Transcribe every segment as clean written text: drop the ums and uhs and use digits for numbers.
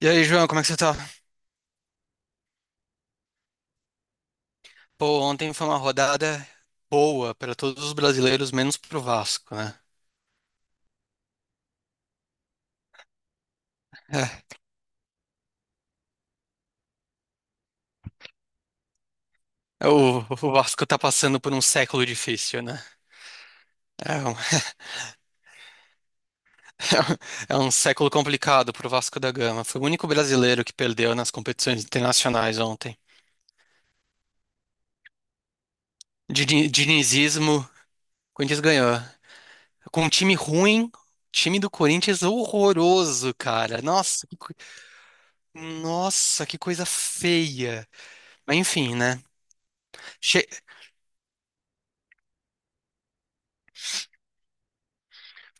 E aí, João, como é que você tá? Pô, ontem foi uma rodada boa para todos os brasileiros, menos pro Vasco, né? É, o Vasco tá passando por um século difícil, né? É um, é um século complicado pro Vasco da Gama. Foi o único brasileiro que perdeu nas competições internacionais ontem. Dinizismo, o Corinthians ganhou. Com um time ruim, time do Corinthians horroroso, cara. Nossa, que coisa feia. Mas enfim, né? Che-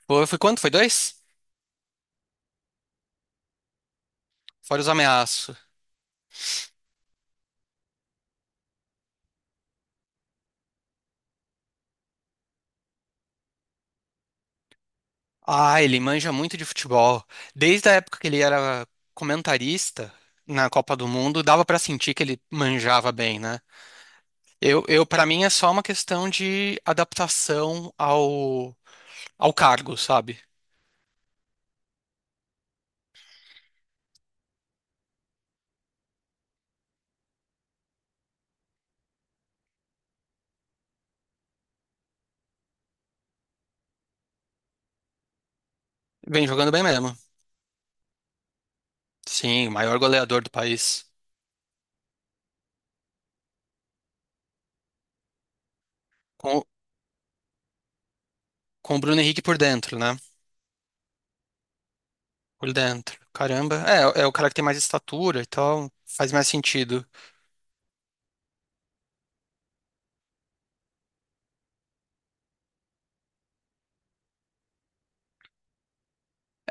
foi quanto? Foi dois? Fora os ameaços. Ah, ele manja muito de futebol. Desde a época que ele era comentarista na Copa do Mundo, dava pra sentir que ele manjava bem, né? Eu para mim é só uma questão de adaptação ao cargo, sabe? Vem jogando bem mesmo. Sim, o maior goleador do país. Com, com o Bruno Henrique por dentro, né? Por dentro. Caramba. É o cara que tem mais estatura e tal. Faz mais sentido.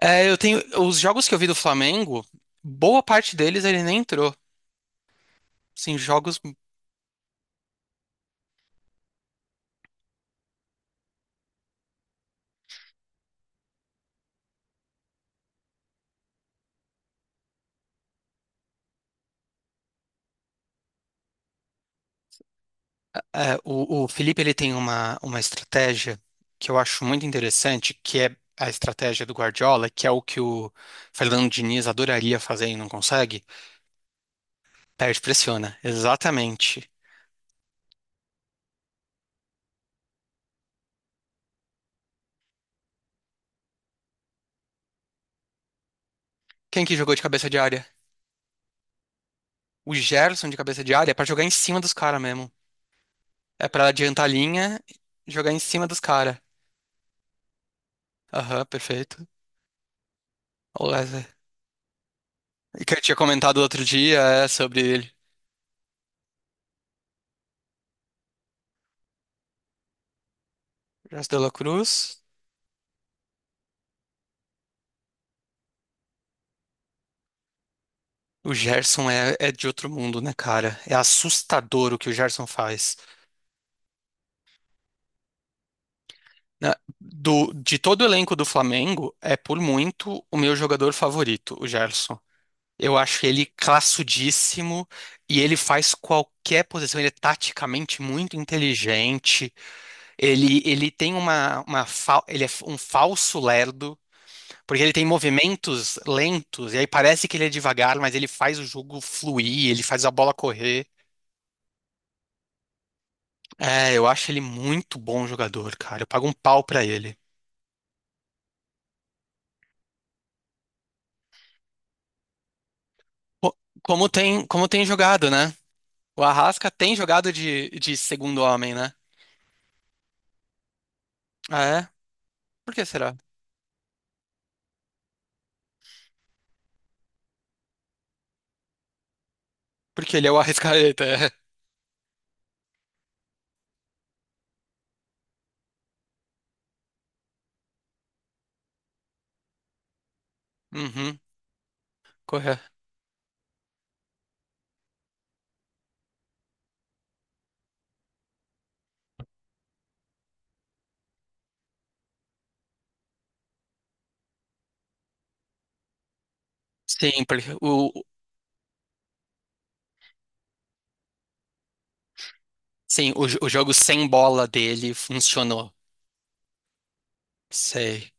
É, eu tenho. Os jogos que eu vi do Flamengo, boa parte deles ele nem entrou. Sim, jogos. O Felipe ele tem uma estratégia que eu acho muito interessante, que é a estratégia do Guardiola, que é o que o Fernando Diniz adoraria fazer e não consegue. Perde, pressiona. Exatamente. Quem que jogou de cabeça de área? O Gerson de cabeça de área é pra jogar em cima dos caras mesmo. É pra adiantar a linha e jogar em cima dos caras. Aham, perfeito. Olha, e que eu tinha comentado outro dia é sobre ele. Gerson de la Cruz. O Gerson é de outro mundo, né, cara? É assustador o que o Gerson faz. De todo o elenco do Flamengo, é por muito o meu jogador favorito, o Gerson. Eu acho ele classudíssimo e ele faz qualquer posição. Ele é taticamente muito inteligente. Ele tem ele é um falso lerdo, porque ele tem movimentos lentos e aí parece que ele é devagar, mas ele faz o jogo fluir, ele faz a bola correr. É, eu acho ele muito bom jogador, cara. Eu pago um pau pra ele. Co- como tem jogado, né? O Arrasca tem jogado de segundo homem, né? Ah, é? Por que será? Porque ele é o Arrascaeta. é. Uhum, correto. Sim, porque o, sim, o o jogo sem bola dele funcionou. Sei.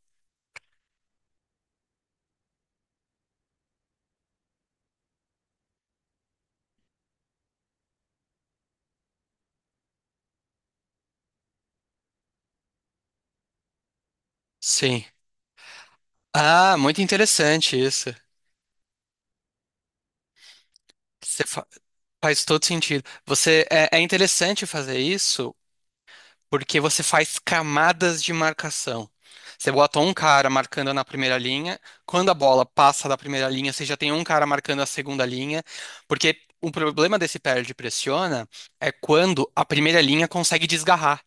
Sim. Ah, muito interessante isso. Você fa- faz todo sentido. Você é, é interessante fazer isso. Porque você faz camadas de marcação. Você bota um cara marcando na primeira linha, quando a bola passa da primeira linha, você já tem um cara marcando a segunda linha, porque o problema desse perde pressiona é quando a primeira linha consegue desgarrar.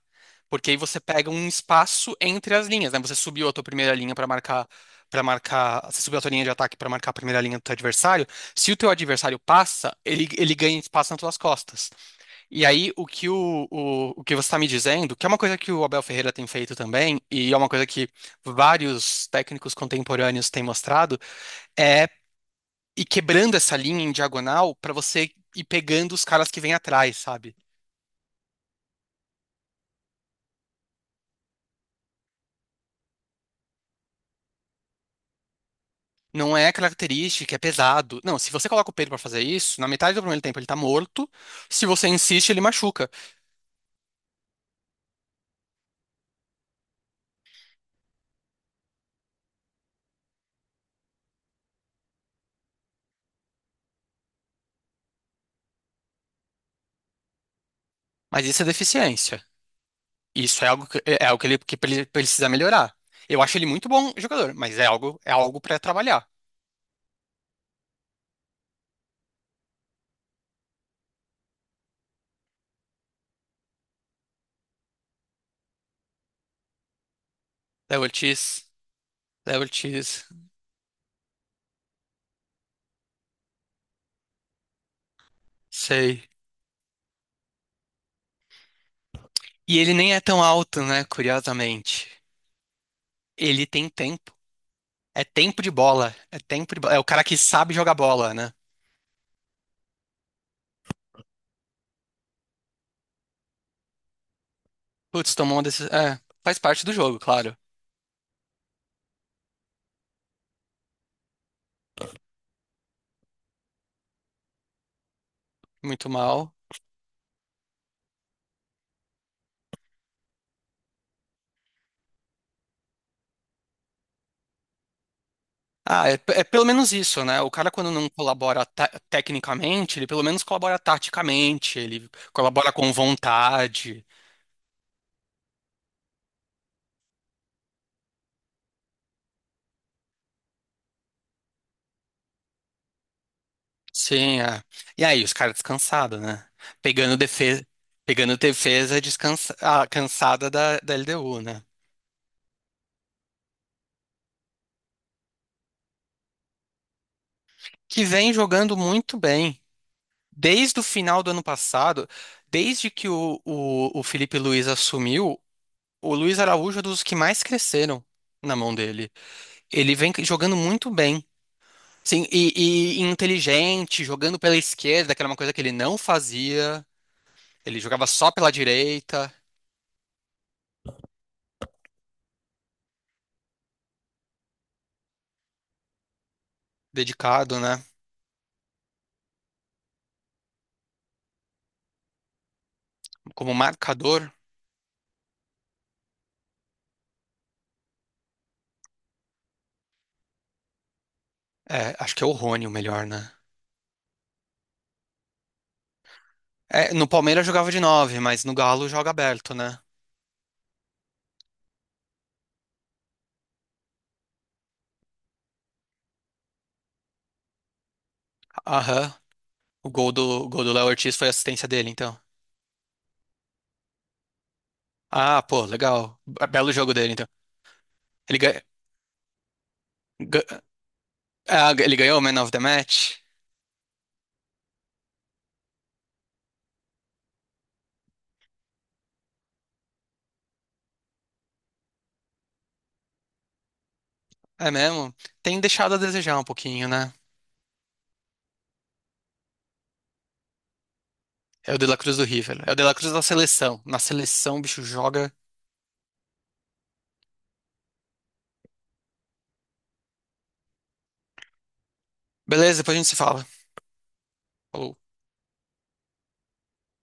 Porque aí você pega um espaço entre as linhas, né? Você subiu a tua primeira linha para marcar, você subiu a tua linha de ataque para marcar a primeira linha do teu adversário. Se o teu adversário passa, ele ganha espaço nas tuas costas. E aí, o que você está me dizendo, que é uma coisa que o Abel Ferreira tem feito também, e é uma coisa que vários técnicos contemporâneos têm mostrado, é ir quebrando essa linha em diagonal para você ir pegando os caras que vêm atrás, sabe? Não é característica, é pesado. Não, se você coloca o Pedro para fazer isso, na metade do primeiro tempo ele tá morto, se você insiste, ele machuca. Mas isso é deficiência. Isso é algo que, é algo que ele precisa melhorar. Eu acho ele muito bom jogador, mas é algo para trabalhar. É o Ortiz. Ortiz, sei. E ele nem é tão alto, né? Curiosamente. Ele tem tempo. É tempo de bola. É tempo de bola. É o cara que sabe jogar bola, né? Putz, tomou uma decisão. É, faz parte do jogo, claro. Muito mal. Ah, é, é pelo menos isso, né? O cara, quando não colabora tecnicamente, ele pelo menos colabora taticamente, ele colabora com vontade. Sim, é. E aí, os caras descansados, né? Pegando defesa, pegando defesa descansa, ah, cansada da LDU, né? Que vem jogando muito bem. Desde o final do ano passado, desde que o Felipe Luiz assumiu, o Luiz Araújo é dos que mais cresceram na mão dele. Ele vem jogando muito bem. Sim, e inteligente, jogando pela esquerda, que era uma coisa que ele não fazia. Ele jogava só pela direita, dedicado, né? Como marcador. É, acho que é o Rony o melhor, né? É, no Palmeiras jogava de nove, mas no Galo joga aberto, né? Aham. O gol do Léo Ortiz foi assistência dele, então. Ah, pô, legal. Belo jogo dele, então. Ele, ga- ga- ah, ele ganhou o Man of the Match? É mesmo? Tem deixado a desejar um pouquinho, né? É o De La Cruz do River. Né? É o De La Cruz da seleção. Na seleção, o bicho joga. Beleza, depois a gente se fala. Falou.